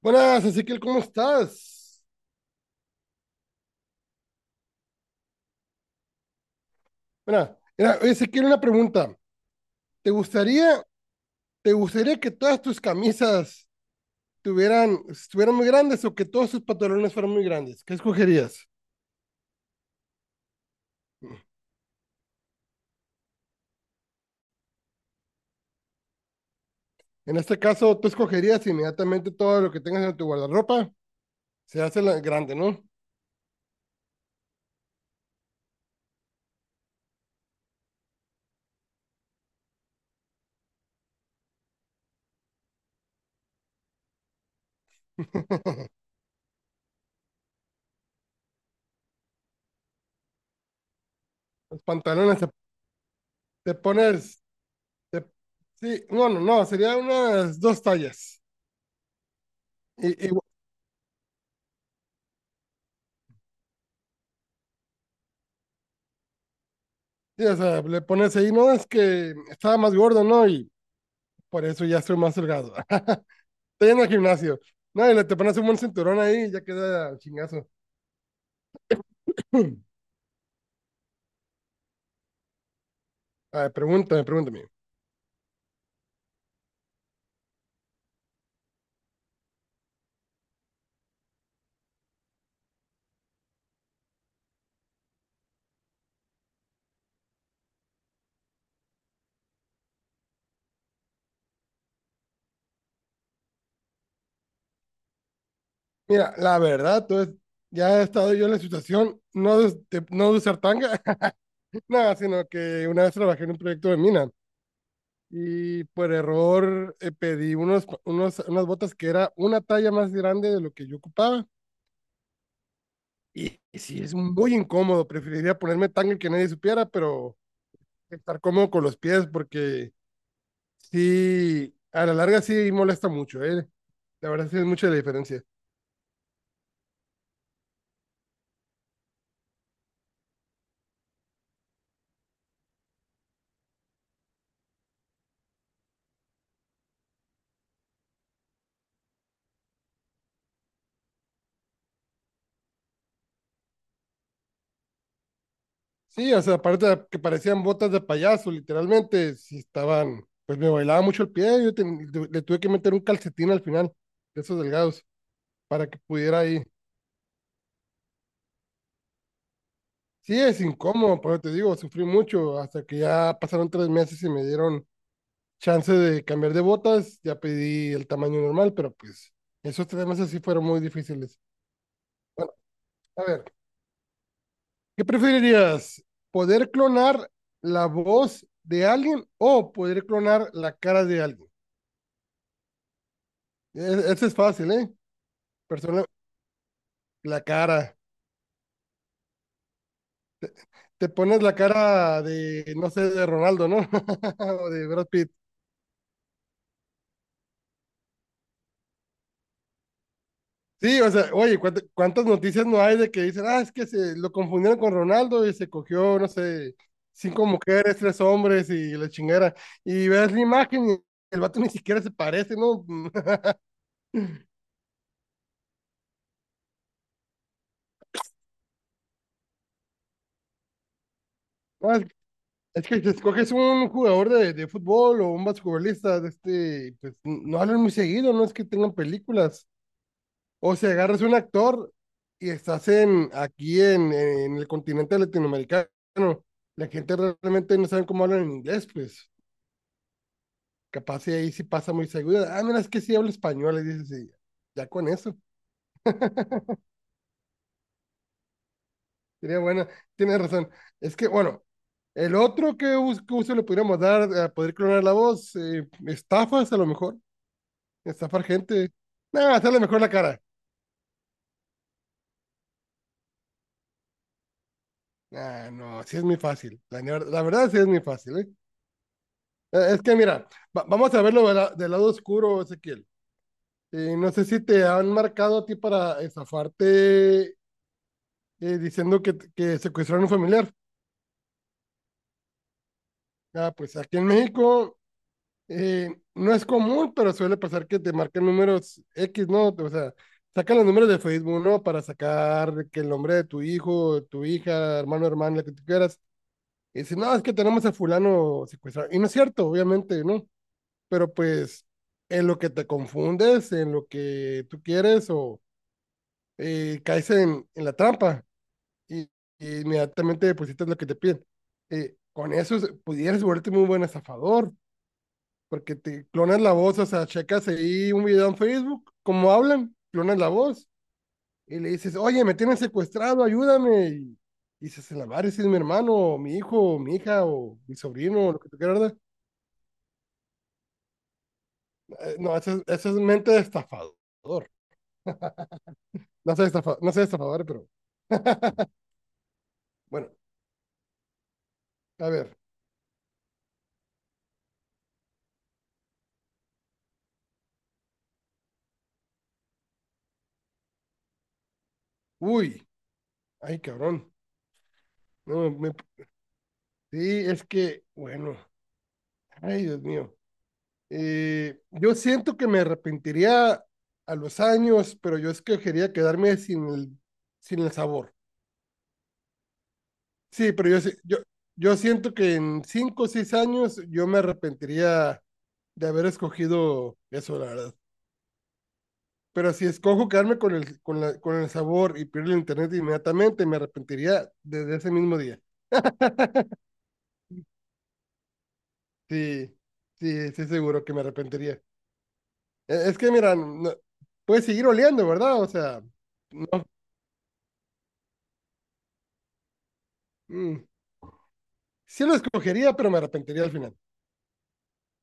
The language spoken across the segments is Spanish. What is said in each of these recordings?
Buenas, Ezequiel, ¿cómo estás? Mira, mira, Ezequiel, una pregunta. ¿Te gustaría, te gustaría que todas tus camisas estuvieran muy grandes o que todos tus pantalones fueran muy grandes? ¿Qué escogerías? En este caso, tú escogerías inmediatamente todo lo que tengas en tu guardarropa, se hace grande, ¿no? Los pantalones, te pones, te- sí, no, no, no, sería unas 2 tallas. Y, y, sí, o sea, le pones ahí, no, es que estaba más gordo, ¿no? Y por eso ya estoy más delgado. Estoy en el gimnasio. No, y le te pones un buen cinturón ahí y ya queda chingazo. A ver, pregúntame, pregúntame. Mira, la verdad, entonces, ya he estado yo en la situación, no de usar tanga, nada, sino que una vez trabajé en un proyecto de mina y por error pedí unas botas que era una talla más grande de lo que yo ocupaba. Y sí, es muy incómodo, preferiría ponerme tanga y que nadie supiera, pero estar cómodo con los pies porque sí, a la larga sí molesta mucho, ¿eh? La verdad sí es mucha la diferencia. Sí, o sea, aparte de que parecían botas de payaso, literalmente, sí estaban, pues me bailaba mucho el pie, le tuve que meter un calcetín al final, de esos delgados, para que pudiera ahí. Sí, es incómodo, pero te digo, sufrí mucho, hasta que ya pasaron 3 meses y me dieron chance de cambiar de botas, ya pedí el tamaño normal, pero pues esos 3 meses sí fueron muy difíciles. Bueno, a ver, ¿qué preferirías? ¿Poder clonar la voz de alguien o poder clonar la cara de alguien? Ese es fácil, ¿eh? Persona, la cara. Te pones la cara de, no sé, de Ronaldo, ¿no? O de Brad Pitt. Sí, o sea, oye, ¿cuántas noticias no hay de que dicen, ah, es que se lo confundieron con Ronaldo y se cogió, no sé, cinco mujeres, tres hombres y la chingera? Y ves la imagen y el vato ni siquiera se parece, ¿no? Ah, es que si escoges un jugador de fútbol o un basquetbolista de este, pues no hablan muy seguido, no es que tengan películas. O si agarras un actor y estás aquí en el continente latinoamericano, la gente realmente no sabe cómo hablan en inglés, pues capaz y ahí sí pasa muy seguido. Ah, mira, es que sí habla español, y dices, sí, ya con eso, sería buena, tienes razón. Es que, bueno, el otro que uso le podríamos dar a poder clonar la voz, estafas a lo mejor. Estafar gente. Nah, sale mejor la cara. Ah, no, sí es muy fácil. La verdad sí es muy fácil, ¿eh? Es que mira, vamos a verlo de del lado oscuro, Ezequiel. No sé si te han marcado a ti para estafarte diciendo que secuestraron a un familiar. Ah, pues aquí en México eh, no es común, pero suele pasar que te marquen números X, ¿no? O sea, sacan los números de Facebook, ¿no? Para sacar que el nombre de tu hijo, tu hija, hermano, hermana, lo que tú quieras. Y dice, no, es que tenemos a fulano secuestrado. Y no es cierto, obviamente, ¿no? Pero pues en lo que te confundes, en lo que tú quieres o caes en la trampa y, y inmediatamente depositas lo que te piden. Con eso pudieras volverte muy buen estafador, porque te clonas la voz, o sea, checas ahí un video en Facebook, cómo hablan, clonas la voz y le dices, oye, me tienen secuestrado, ayúdame. Y dices, la madre, si es mi hermano, o mi hijo, o mi hija, o mi sobrino, o lo que tú quieras, ¿verdad? No, esa es mente de estafador. No sé, estafa, no sé estafador, pero bueno, a ver. Uy, ay, cabrón. No, sí, es que, bueno, ay, Dios mío. Yo siento que me arrepentiría a los años, pero yo es que quería quedarme sin el sabor. Sí, pero yo siento que en 5 o 6 años yo me arrepentiría de haber escogido eso, la verdad. Pero si escojo quedarme con el sabor y pierdo el internet inmediatamente, me arrepentiría desde ese mismo día. Sí, sí, sí, seguro que me arrepentiría. Es que, mira, puede seguir oliendo, ¿verdad? O sea, no. mm, sí lo escogería, pero me arrepentiría al final.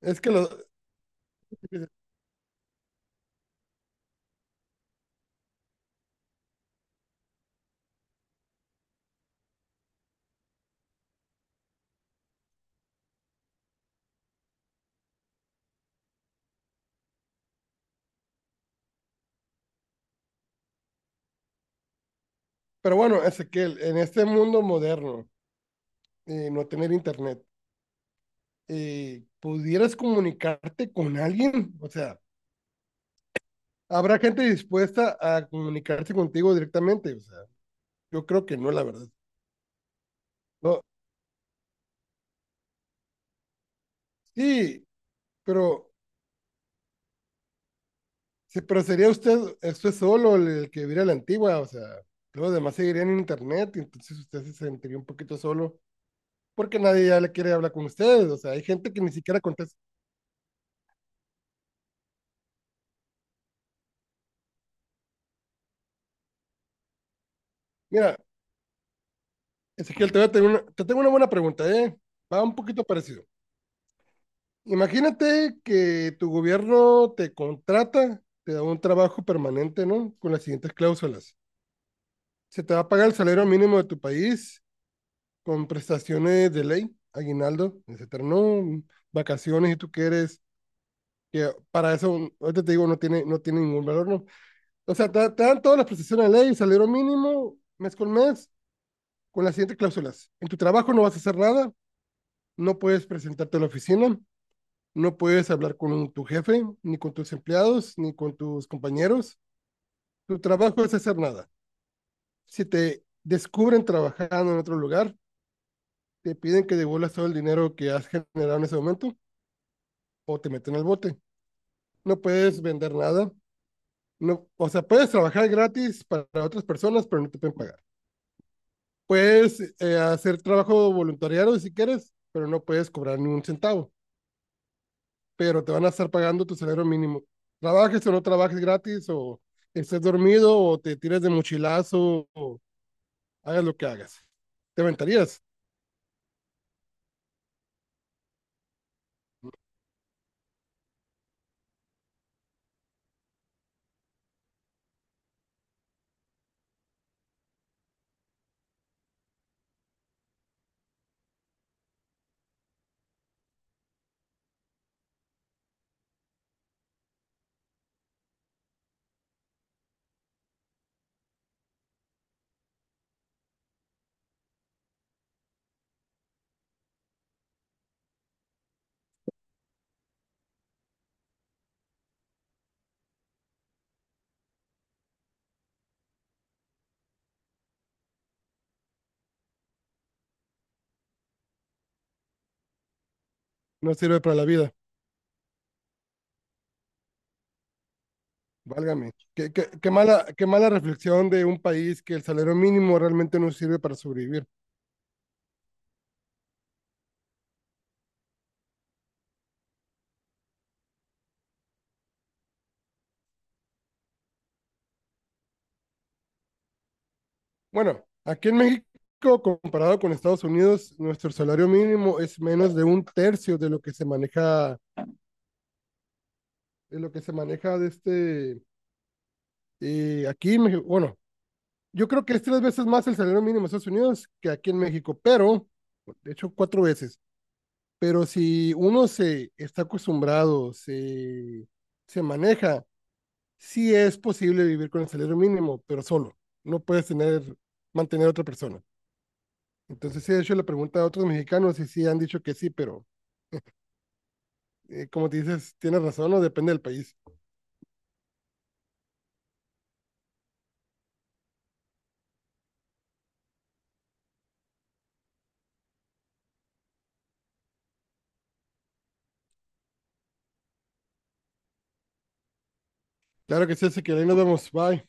Es que lo. Pero bueno, Ezequiel, en este mundo moderno, no tener internet, ¿pudieras comunicarte con alguien? O sea, ¿habrá gente dispuesta a comunicarse contigo directamente? O sea. Yo creo que no, la verdad. No, sí, pero, sí, pero sería usted solo el que viviera la antigua, o sea, los demás seguirían en internet, y entonces usted se sentiría un poquito solo, porque nadie ya le quiere hablar con ustedes, o sea, hay gente que ni siquiera contesta. Mira, Ezequiel, te, voy a tener una, te tengo una buena pregunta, ¿eh? Va un poquito parecido. Imagínate que tu gobierno te contrata, te da un trabajo permanente, ¿no? Con las siguientes cláusulas. Se te va a pagar el salario mínimo de tu país, con prestaciones de ley, aguinaldo, etcétera, no, vacaciones si tú quieres, que para eso, ahorita te digo, no tiene ningún valor, no. O sea, te dan todas las prestaciones de ley, salario mínimo, mes, con las siguientes cláusulas. En tu trabajo no vas a hacer nada, no puedes presentarte a la oficina, no puedes hablar con tu jefe, ni con tus empleados, ni con tus compañeros. Tu trabajo es hacer nada. Si te descubren trabajando en otro lugar, te piden que devuelvas todo el dinero que has generado en ese momento o te meten al bote. No puedes vender nada. No, o sea, puedes trabajar gratis para otras personas, pero no te pueden pagar. Puedes hacer trabajo voluntariado si quieres, pero no puedes cobrar ni un centavo. Pero te van a estar pagando tu salario mínimo. Trabajes o no trabajes gratis, o estés dormido, o te tires de mochilazo, o hagas lo que hagas. Te aventarías. No sirve para la vida. Válgame. Qué mala reflexión de un país que el salario mínimo realmente no sirve para sobrevivir. Bueno, aquí en México, comparado con Estados Unidos, nuestro salario mínimo es menos de un tercio de lo que se maneja aquí en México. Bueno, yo creo que es tres veces más el salario mínimo en Estados Unidos que aquí en México, pero, de hecho, cuatro veces. Pero si uno se está acostumbrado, se maneja, sí es posible vivir con el salario mínimo, pero solo. No puedes mantener a otra persona. Entonces sí de hecho le pregunta a otros mexicanos y sí han dicho que sí, pero como te dices, tienes razón, no depende del país. Claro que sí, así que ahí nos vemos. Bye.